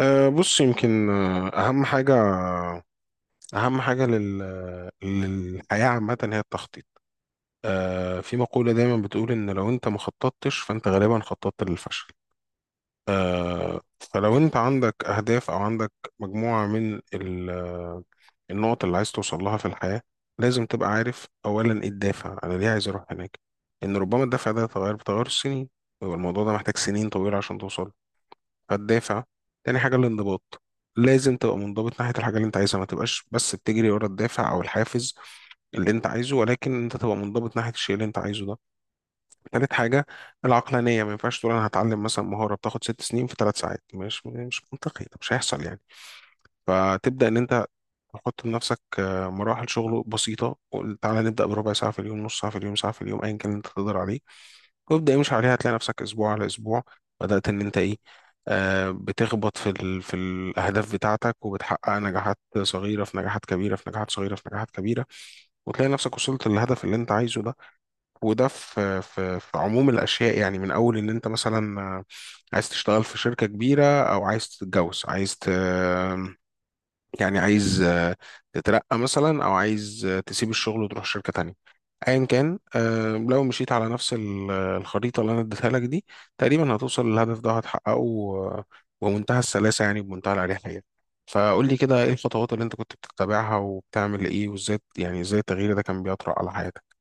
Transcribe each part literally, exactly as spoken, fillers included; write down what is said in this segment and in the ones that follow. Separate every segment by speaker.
Speaker 1: أه بص، يمكن، آه، أهم حاجة أهم حاجة لل... للحياة عامة هي التخطيط. أه في مقولة دايما بتقول إن لو أنت ما خططتش، فأنت غالبا خططت للفشل. آه، فلو أنت عندك أهداف أو عندك مجموعة من ال... آه، النقط اللي عايز توصل لها في الحياة، لازم تبقى عارف أولا إيه الدافع، أنا ليه عايز أروح هناك؟ إن ربما الدافع ده يتغير بتغير السنين، ويبقى الموضوع ده محتاج سنين طويلة عشان توصل. فالدافع، تاني حاجة الانضباط. لازم تبقى منضبط ناحية الحاجة اللي انت عايزها، ما تبقاش بس بتجري ورا الدافع او الحافز اللي انت عايزه، ولكن انت تبقى منضبط ناحية الشيء اللي انت عايزه ده. تالت حاجة العقلانية، ما ينفعش تقول انا هتعلم مثلا مهارة بتاخد ست سنين في ثلاث ساعات، مش مش منطقي، ده مش هيحصل يعني. فتبدأ ان انت تحط لنفسك، آه، مراحل شغل بسيطة، وقول تعالى نبدأ بربع ساعة في اليوم، نص ساعة في اليوم، ساعة في اليوم، أيا كان اللي أنت تقدر عليه. وابدأ امشي عليها، هتلاقي نفسك اسبوع على اسبوع بدأت ان انت ايه، آه بتخبط في ال... في الاهداف بتاعتك، وبتحقق نجاحات صغيره في نجاحات كبيره، في نجاحات صغيره في نجاحات كبيره، وتلاقي نفسك وصلت للهدف اللي انت عايزه ده. وده في في في عموم الاشياء يعني، من اول ان انت مثلا، آه، عايز تشتغل في شركه كبيره، او عايز تتجوز، عايز ت... يعني عايز، آه، تترقى مثلا، او عايز آه، تسيب الشغل وتروح شركة تانية. ايا كان، آه، لو مشيت على نفس ال- آه، الخريطة اللي انا اديتها لك دي، تقريبا هتوصل للهدف ده، هتحققه، آه، ومنتهى السلاسة يعني، بمنتهى الأريحية. فقول لي كده، ايه الخطوات اللي انت كنت بتتبعها، وبتعمل ايه، وازاي يعني، ازاي التغيير ده كان بيطرأ على حياتك؟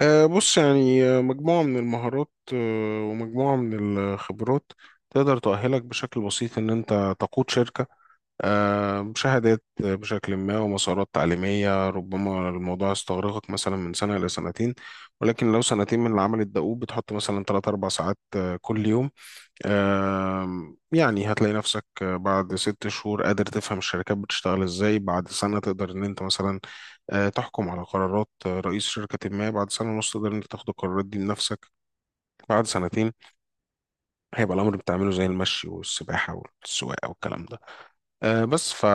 Speaker 1: أه بص يعني، آه، مجموعة من المهارات، آه، ومجموعة من الخبرات تقدر تؤهلك بشكل بسيط ان انت تقود شركة. آه، مشاهدات بشكل ما، ومسارات تعليمية، ربما الموضوع يستغرقك مثلا من سنة إلى سنتين. ولكن لو سنتين من العمل الدؤوب، بتحط مثلا ثلاث أربع ساعات، آه، كل يوم. آه، يعني هتلاقي نفسك آه، بعد ست شهور قادر تفهم الشركات بتشتغل إزاي، بعد سنة تقدر إن أنت مثلا آه، تحكم على قرارات آه، رئيس شركة ما، بعد سنة ونص تقدر إن أنت تاخد القرارات دي بنفسك، بعد سنتين هيبقى الأمر بتعمله زي المشي والسباحة والسواقة والكلام ده. آه، بس ف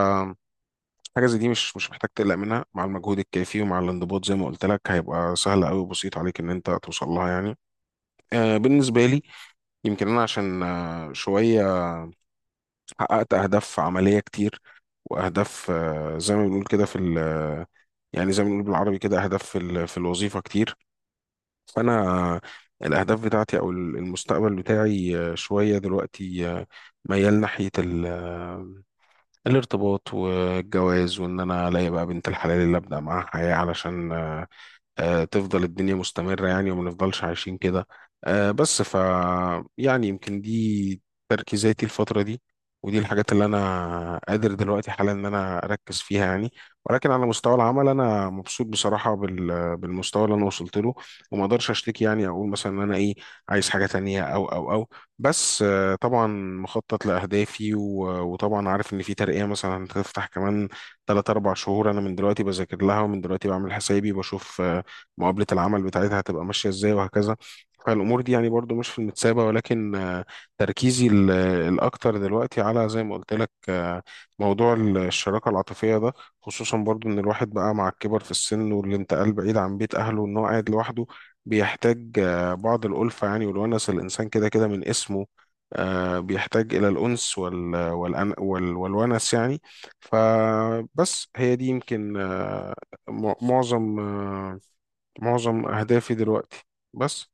Speaker 1: حاجة زي دي، مش مش محتاج تقلق منها، مع المجهود الكافي ومع الانضباط زي ما قلت لك، هيبقى سهل قوي وبسيط عليك ان انت توصل لها يعني. آه بالنسبة لي، يمكن انا عشان آه شوية حققت اهداف عملية كتير، واهداف آه زي ما بنقول كده في ال يعني، زي ما بنقول بالعربي كده، اهداف في ال- في الوظيفة كتير. فانا الاهداف بتاعتي او المستقبل بتاعي، آه، شوية دلوقتي، آه، ميال ناحية الارتباط والجواز، وان انا الاقي بقى بنت الحلال اللي ابدا معاها حياه علشان، آه، آه، تفضل الدنيا مستمرة يعني، وما نفضلش عايشين كده. آه، بس ف يعني يمكن دي تركيزاتي الفترة دي، ودي الحاجات اللي أنا قادر دلوقتي حالا إن أنا أركز فيها يعني. ولكن على مستوى العمل، أنا مبسوط بصراحة بال- بالمستوى اللي أنا وصلت له، وما أقدرش أشتكي يعني، أقول مثلا إن أنا إيه، عايز حاجة تانية أو أو أو. بس، آه، طبعا مخطط لأهدافي و- وطبعا عارف إن في ترقية مثلا هتفتح كمان تلات أربع شهور، أنا من دلوقتي بذاكر لها، ومن دلوقتي بعمل حسابي، بشوف مقابلة العمل بتاعتها هتبقى ماشية ازاي وهكذا. فالأمور دي يعني برضو مش في المتسابة، ولكن، آه، تركيزي ال- الأكتر دلوقتي على زي ما قلت لك، آه، موضوع الشراكة العاطفية ده، خصوصا برضو إن الواحد بقى مع الكبر في السن والانتقال بعيد عن بيت أهله، وإن هو قاعد لوحده، بيحتاج آه، بعض الألفة يعني، والونس، الإنسان كده كده من اسمه، آه، بيحتاج إلى الأنس وال والأن وال والونس يعني. فبس هي دي يمكن، آه، مع- معظم آه، معظم أهدافي دلوقتي. بس.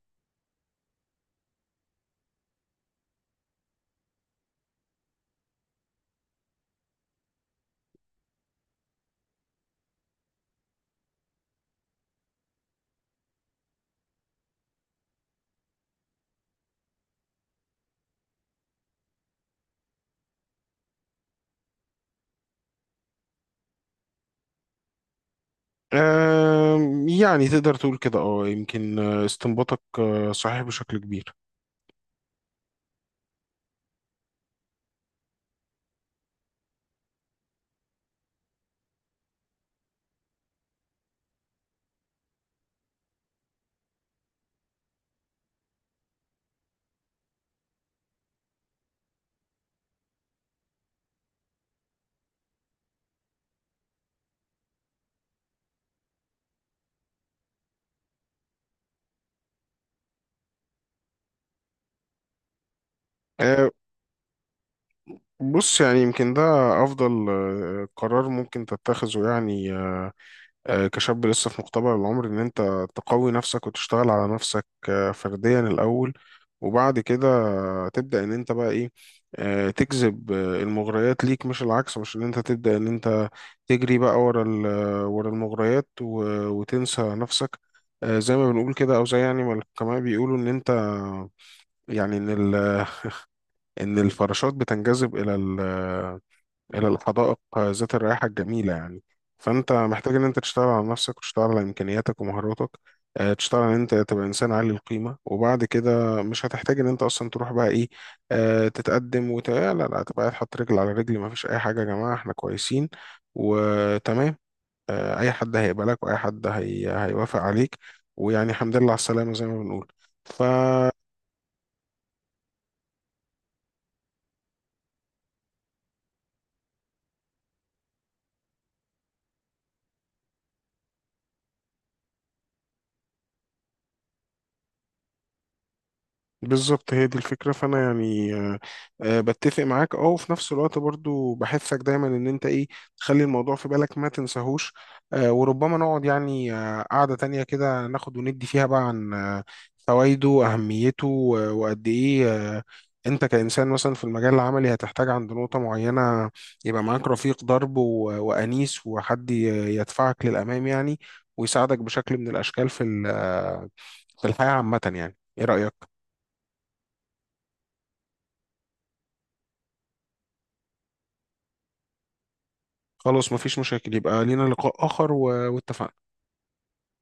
Speaker 1: آم، يعني تقدر تقول كده، اه، يمكن، آه، استنباطك آه، صحيح بشكل كبير. آه، بص يعني، يمكن ده أفضل آه، قرار ممكن تتخذه يعني، آه، كشاب لسه في مقتبل العمر، ان انت تقوي نفسك وتشتغل على نفسك آه، فرديا الاول. وبعد كده تبدأ ان انت بقى ايه، آه، تجذب آه، المغريات ليك، مش العكس، مش ان انت تبدأ ان انت تجري بقى ورا ال- ورا المغريات، و- وتنسى نفسك. آه، زي ما بنقول كده، او زي يعني ما الحكماء بيقولوا ان انت يعني، ان ال- ان الفراشات بتنجذب الى ال- إلى الحدائق ذات الرائحة الجميلة يعني. فأنت محتاج إن أنت تشتغل على نفسك، وتشتغل على إمكانياتك ومهاراتك، آه، تشتغل إن أنت تبقى إنسان عالي القيمة، وبعد كده مش هتحتاج إن أنت أصلا تروح بقى إيه، آه، تتقدم وت... لا لا، تبقى قاعد حاطط رجل على رجل، مفيش أي حاجة يا جماعة، إحنا كويسين وتمام. آه، أي حد هيقبلك، وأي حد هي... هيوافق عليك، ويعني الحمد لله على السلامة زي ما بنقول. ف بالظبط هي دي الفكرة، فأنا يعني، آه، آه، بتفق معاك، اه، وفي نفس الوقت برضو بحثك دايما إن أنت إيه، تخلي الموضوع في بالك، ما تنساهوش. آه، وربما نقعد يعني آه، قعدة تانية كده، ناخد وندي فيها بقى عن آه، فوائده وأهميته، و- وقد إيه، آه، أنت كإنسان مثلا في المجال العملي، هتحتاج عند نقطة معينة يبقى معاك رفيق درب، و- وأنيس، وحد ي- يدفعك للأمام يعني، ويساعدك بشكل من الأشكال في ال- آه، في الحياة عامة يعني، إيه رأيك؟ خلاص مفيش مشاكل، يبقى لينا لقاء آخر، و- واتفقنا.